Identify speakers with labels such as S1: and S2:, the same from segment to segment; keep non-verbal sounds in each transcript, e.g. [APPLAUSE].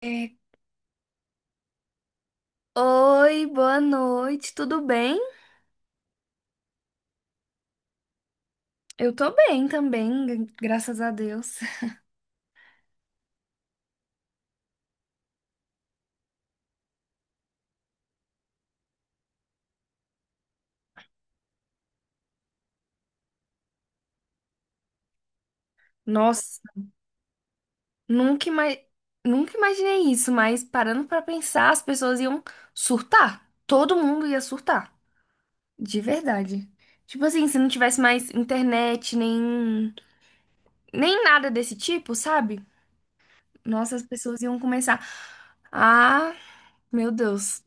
S1: É. Oi, boa noite, tudo bem? Eu tô bem também, graças a Deus. Nossa, nunca, ima nunca imaginei isso, mas parando pra pensar, as pessoas iam surtar. Todo mundo ia surtar, de verdade. Tipo assim, se não tivesse mais internet, nem, nem nada desse tipo, sabe? Nossa, as pessoas iam começar. Ah, meu Deus.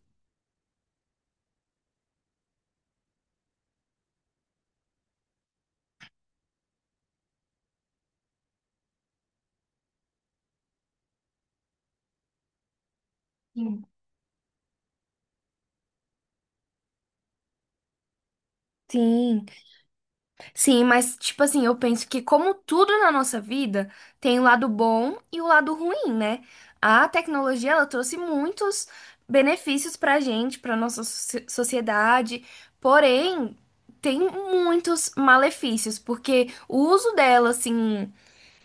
S1: Sim. Sim. Sim, mas tipo assim, eu penso que como tudo na nossa vida, tem o lado bom e o lado ruim, né? A tecnologia, ela trouxe muitos benefícios pra gente, pra nossa sociedade, porém, tem muitos malefícios, porque o uso dela, assim,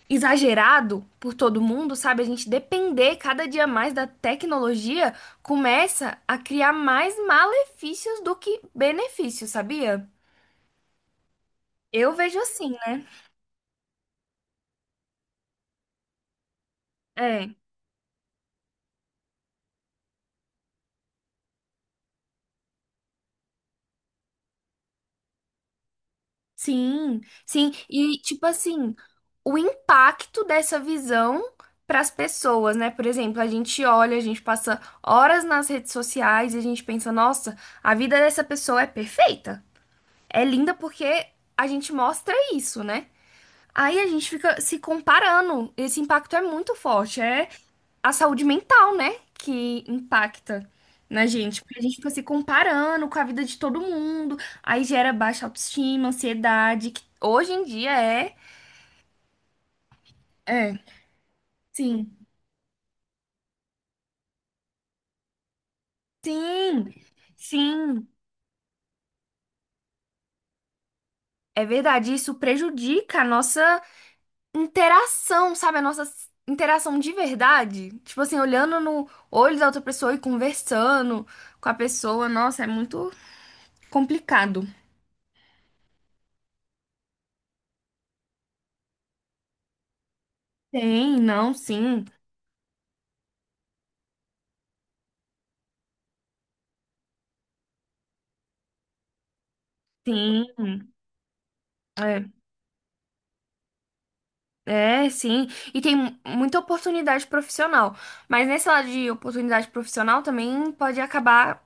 S1: exagerado por todo mundo, sabe? A gente depender cada dia mais da tecnologia começa a criar mais malefícios do que benefícios, sabia? Eu vejo assim, né? É. Sim, sim. E, tipo assim, o impacto dessa visão para as pessoas, né? Por exemplo, a gente olha, a gente passa horas nas redes sociais e a gente pensa, nossa, a vida dessa pessoa é perfeita. É linda porque a gente mostra isso, né? Aí a gente fica se comparando. Esse impacto é muito forte. É a saúde mental, né? Que impacta na gente. Porque a gente fica se comparando com a vida de todo mundo. Aí gera baixa autoestima, ansiedade, que hoje em dia é. É, sim. Sim, sim. É verdade. Isso prejudica a nossa interação, sabe? A nossa interação de verdade. Tipo assim, olhando no olho da outra pessoa e conversando com a pessoa. Nossa, é muito. Complicado. Tem, não, sim, sim, é, é, sim. E tem muita oportunidade profissional. Mas nesse lado de oportunidade profissional também pode acabar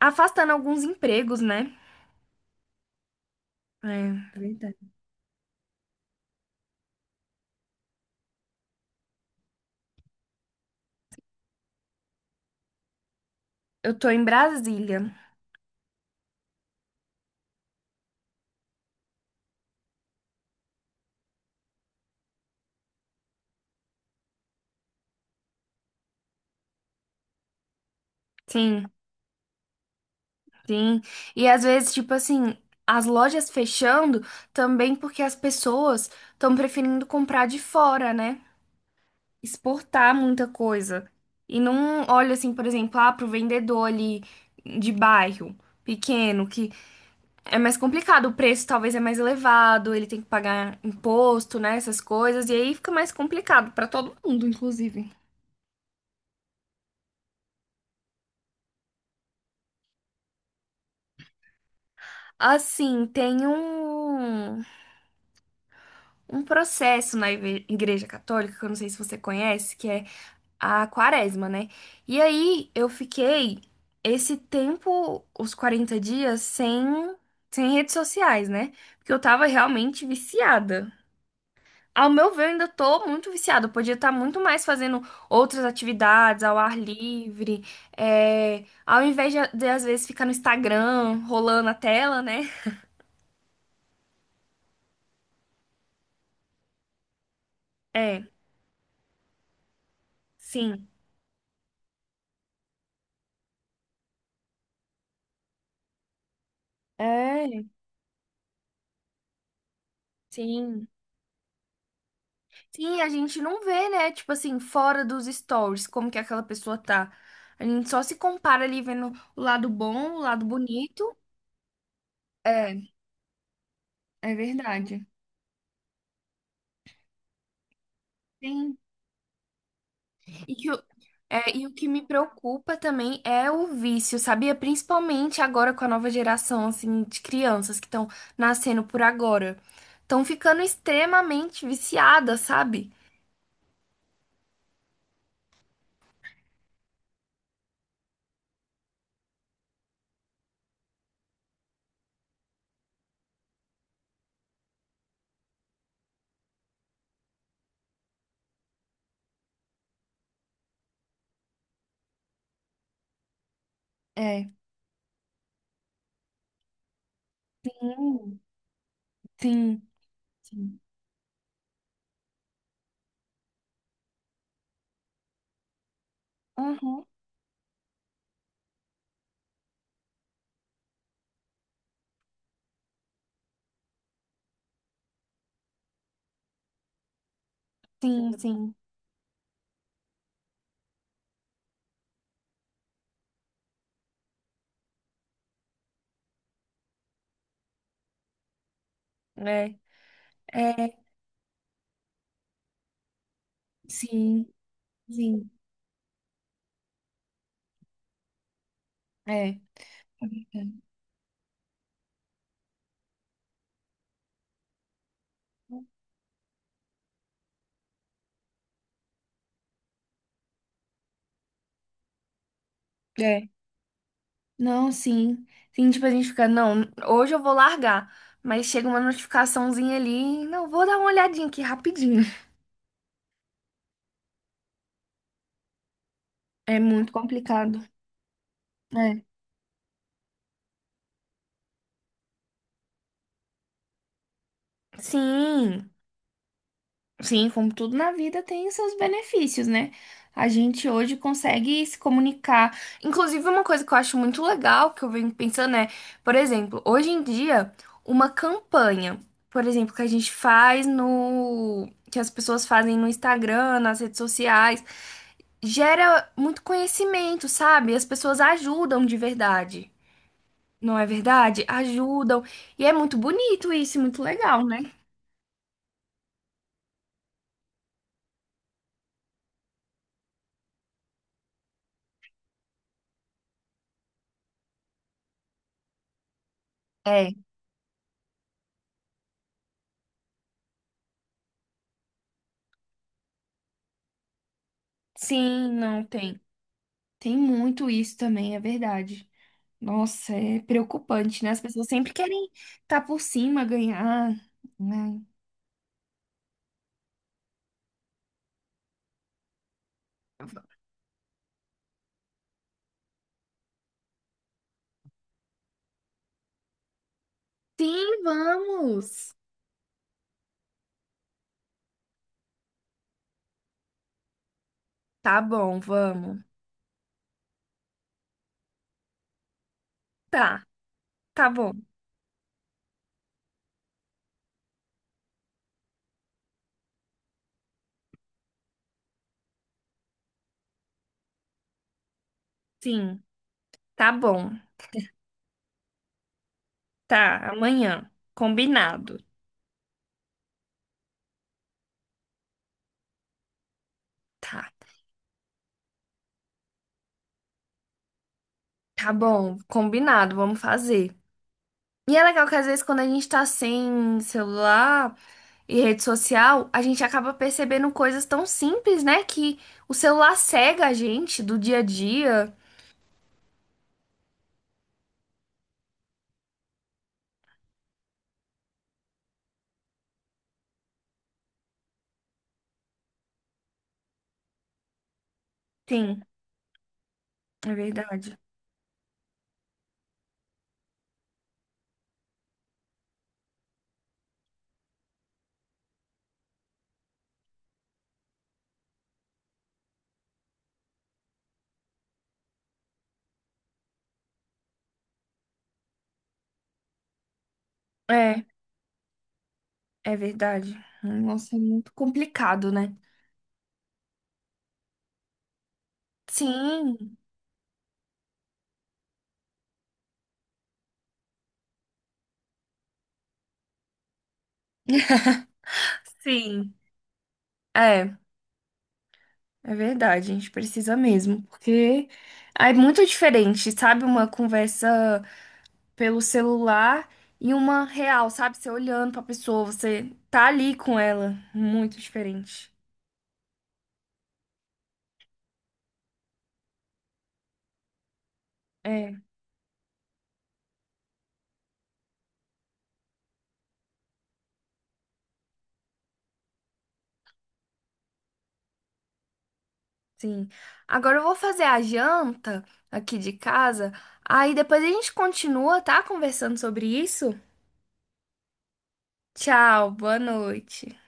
S1: afastando alguns empregos, né? É. Eu tô em Brasília. Sim, sim. E às vezes, tipo assim, as lojas fechando também porque as pessoas estão preferindo comprar de fora, né? Exportar muita coisa. E não olha assim, por exemplo, ah, pro vendedor ali de bairro pequeno, que é mais complicado, o preço talvez é mais elevado, ele tem que pagar imposto, né, essas coisas, e aí fica mais complicado para todo mundo, inclusive. Assim, tem um, um processo na Igreja Católica, que eu não sei se você conhece, que é a quaresma, né? E aí eu fiquei esse tempo, os 40 dias, sem, sem redes sociais, né? Porque eu tava realmente viciada. Ao meu ver, eu ainda tô muito viciada. Eu podia estar muito mais fazendo outras atividades ao ar livre, é, ao invés de, às vezes, ficar no Instagram, rolando a tela, né? É, sim. É, sim. Sim, a gente não vê, né? Tipo assim, fora dos stories, como que aquela pessoa tá. A gente só se compara ali vendo o lado bom, o lado bonito. É, é verdade. Sim. E, que o- e o que me preocupa também é o vício, sabia? Principalmente agora com a nova geração, assim, de crianças que estão nascendo por agora. Estão ficando extremamente viciadas, sabe? É. Sim, sim. Sim, uhum, sim. Sim. É. É, sim. Sim, é. É. Não, sim. Sim, tipo, a gente fica, não, hoje eu vou largar. Mas chega uma notificaçãozinha ali, não, vou dar uma olhadinha aqui rapidinho. É muito complicado. É. Sim. Sim, como tudo na vida tem seus benefícios, né? A gente hoje consegue se comunicar. Inclusive, uma coisa que eu acho muito legal, que eu venho pensando é, por exemplo, hoje em dia, uma campanha, por exemplo, que a gente faz no. que as pessoas fazem no Instagram, nas redes sociais, gera muito conhecimento, sabe? As pessoas ajudam de verdade. Não é verdade? Ajudam. E é muito bonito isso, e muito legal, né? É. Sim, não tem. Tem muito isso também, é verdade. Nossa, é preocupante, né? As pessoas sempre querem estar por cima, ganhar, né? Sim, vamos. Tá bom, vamos. Tá, tá bom. Sim, tá bom. Tá, amanhã. Combinado. Tá, tá bom, combinado, vamos fazer. E é legal que às vezes quando a gente tá sem celular e rede social, a gente acaba percebendo coisas tão simples, né? Que o celular cega a gente do dia a dia. Sim, é verdade. É, é verdade. Nossa, é muito complicado, né? Sim, [LAUGHS] sim. É, é verdade. A gente precisa mesmo, porque é muito diferente, sabe? Uma conversa pelo celular e uma real, sabe? Você olhando pra pessoa, você tá ali com ela. Muito diferente. É, sim. Agora eu vou fazer a janta aqui de casa. Aí depois a gente continua, tá? Conversando sobre isso. Tchau, boa noite.